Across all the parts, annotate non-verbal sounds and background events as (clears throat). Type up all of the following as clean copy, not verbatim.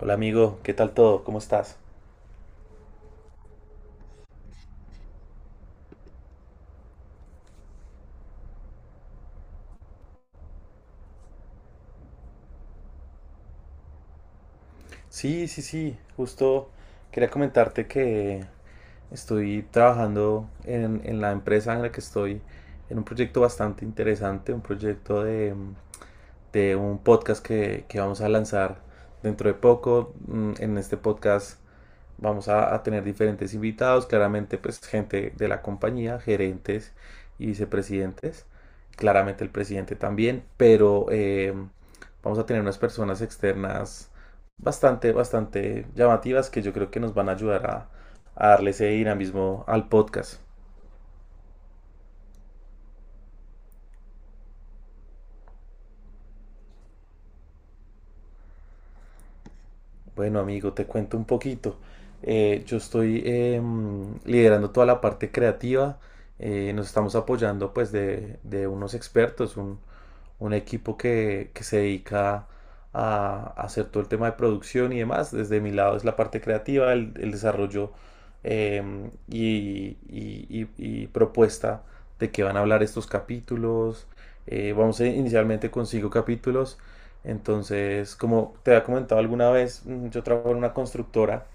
Hola amigo, ¿qué tal todo? ¿Cómo estás? Sí, sí, sí, justo quería comentarte que estoy trabajando en la empresa en la que estoy, en un proyecto bastante interesante, un proyecto de un podcast que vamos a lanzar dentro de poco. En este podcast vamos a tener diferentes invitados, claramente pues gente de la compañía, gerentes y vicepresidentes, claramente el presidente también, pero vamos a tener unas personas externas bastante, bastante llamativas que yo creo que nos van a ayudar a darle ese dinamismo al podcast. Bueno, amigo, te cuento un poquito. Yo estoy liderando toda la parte creativa. Nos estamos apoyando pues de unos expertos, un equipo que se dedica a hacer todo el tema de producción y demás. Desde mi lado es la parte creativa, el desarrollo em, y, y- y propuesta de qué van a hablar estos capítulos. Inicialmente con 5 capítulos. Entonces, como te había comentado alguna vez, yo trabajo en una constructora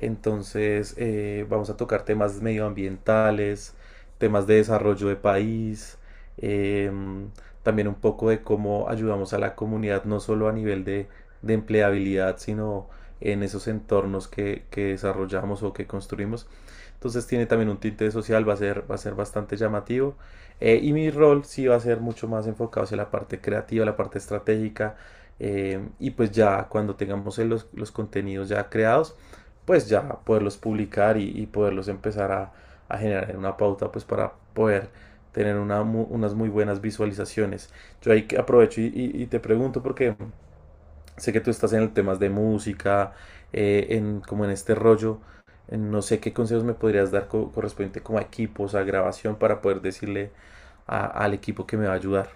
entonces, vamos a tocar temas medioambientales, temas de desarrollo de país, em, también un poco de cómo ayudamos a la comunidad, no solo a nivel de empleabilidad, sino en esos entornos que desarrollamos o que construimos. Entonces tiene también un tinte social, va a ser bastante llamativo. Y mi rol sí va a ser mucho más enfocado hacia la parte creativa, la parte estratégica. Y pues ya cuando tengamos los contenidos ya creados, pues ya poderlos publicar y poderlos empezar a generar una pauta pues para poder tener unas muy buenas visualizaciones. Yo ahí aprovecho y te pregunto porque sé que tú estás en temas de música, como en este rollo. No sé qué consejos me podrías dar correspondiente como a equipos, a grabación, para poder decirle al equipo que me va a ayudar.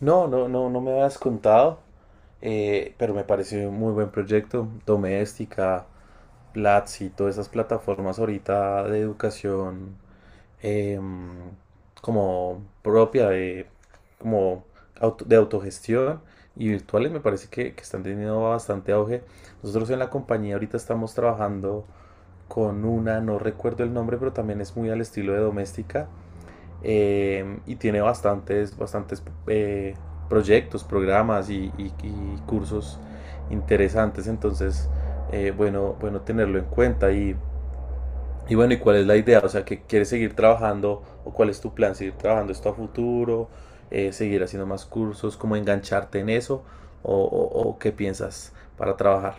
No, no, no, no me habías contado, pero me pareció un muy buen proyecto. Doméstica, Platzi, todas esas plataformas ahorita de educación eh, como propia como de autogestión y virtuales me parece que están teniendo bastante auge. Nosotros en la compañía ahorita estamos trabajando con una, no recuerdo el nombre, pero también es muy al estilo de doméstica y tiene bastantes, bastantes proyectos, programas y y cursos interesantes. Entonces, bueno, bueno tenerlo en cuenta y bueno, ¿y cuál es la idea? O sea, ¿que quieres seguir trabajando o cuál es tu plan, seguir trabajando esto a futuro? Seguir haciendo más cursos, cómo engancharte en eso o qué piensas para trabajar.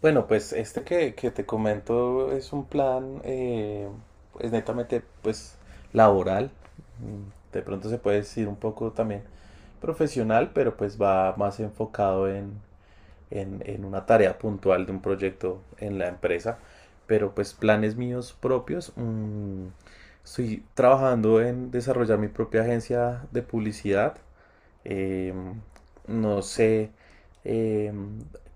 Bueno, pues este que te comento es un plan, pues netamente, pues laboral. De pronto se puede decir un poco también profesional, pero pues va más enfocado en una tarea puntual de un proyecto en la empresa, pero pues planes míos propios, estoy trabajando en desarrollar mi propia agencia de publicidad. eh, no sé eh,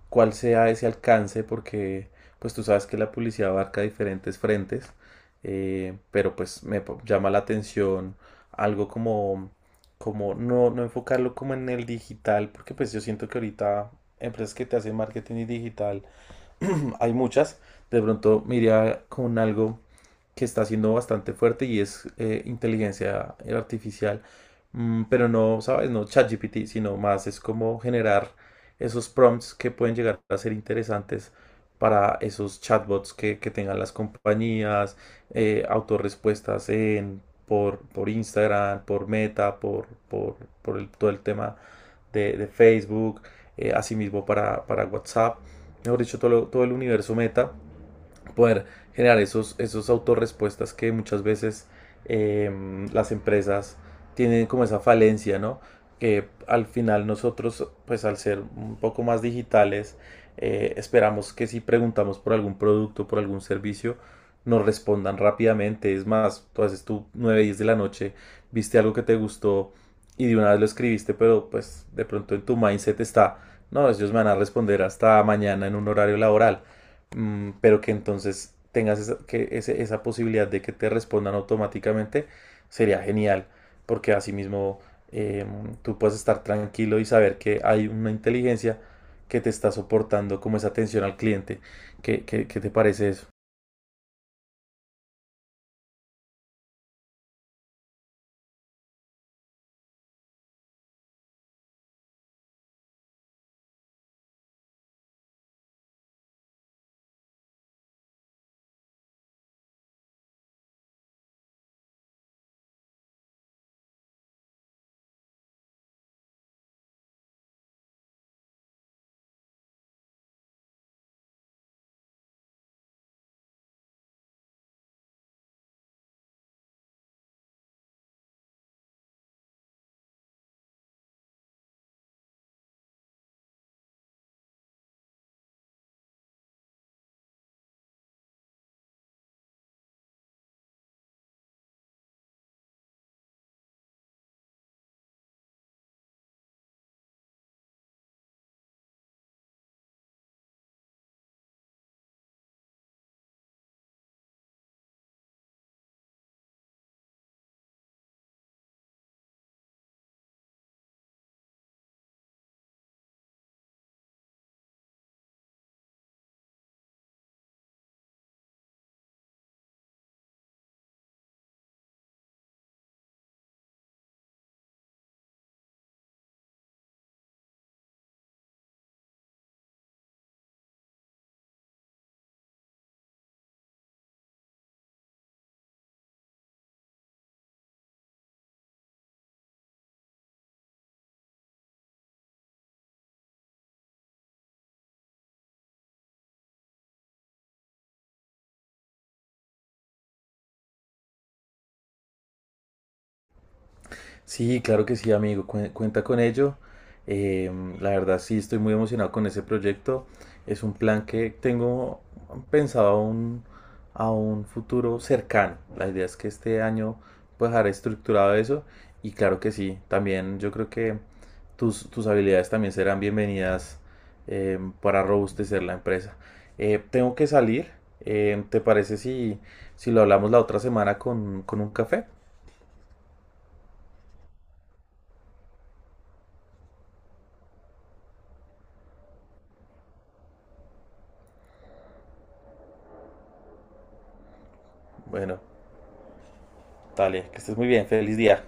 cuál sea ese alcance porque pues tú sabes que la publicidad abarca diferentes frentes, pero pues llama la atención algo como, como no, no enfocarlo como en el digital, porque pues yo siento que ahorita empresas que te hacen marketing y digital (clears throat) (coughs) hay muchas. De pronto me iría con algo que está siendo bastante fuerte y es inteligencia artificial. Pero no, ¿sabes? No ChatGPT, sino más es como generar esos prompts que pueden llegar a ser interesantes para esos chatbots que tengan las compañías, autorrespuestas por Instagram, por Meta, todo el tema de Facebook, asimismo para WhatsApp, mejor dicho, todo, todo el universo meta, poder generar esos, esos autorrespuestas que muchas veces eh, las empresas tienen como esa falencia, ¿no? Que al final nosotros, pues al ser un poco más digitales, esperamos que si preguntamos por algún producto, por algún servicio, nos respondan rápidamente. Es más, tú haces tú 9 10 de la noche, viste algo que te gustó y de una vez lo escribiste, pero pues de pronto en tu mindset está, no, ellos me van a responder hasta mañana en un horario laboral. Pero que entonces tengas esa, esa posibilidad de que te respondan automáticamente, sería genial, porque asimismo mismo tú puedes estar tranquilo y saber que hay una inteligencia que te está soportando como esa atención al cliente. ¿Qué, qué te parece eso? Sí, claro que sí, amigo, cuenta con ello. La verdad sí, estoy muy emocionado con ese proyecto. Es un plan que tengo pensado a un futuro cercano. La idea es que este año pues dejar estructurado eso y claro que sí, también yo creo que tus, tus habilidades también serán bienvenidas. Para robustecer la empresa. Tengo que salir. ¿Te parece si, si lo hablamos la otra semana con un café? Bueno. Dale, que estés muy bien. Feliz día.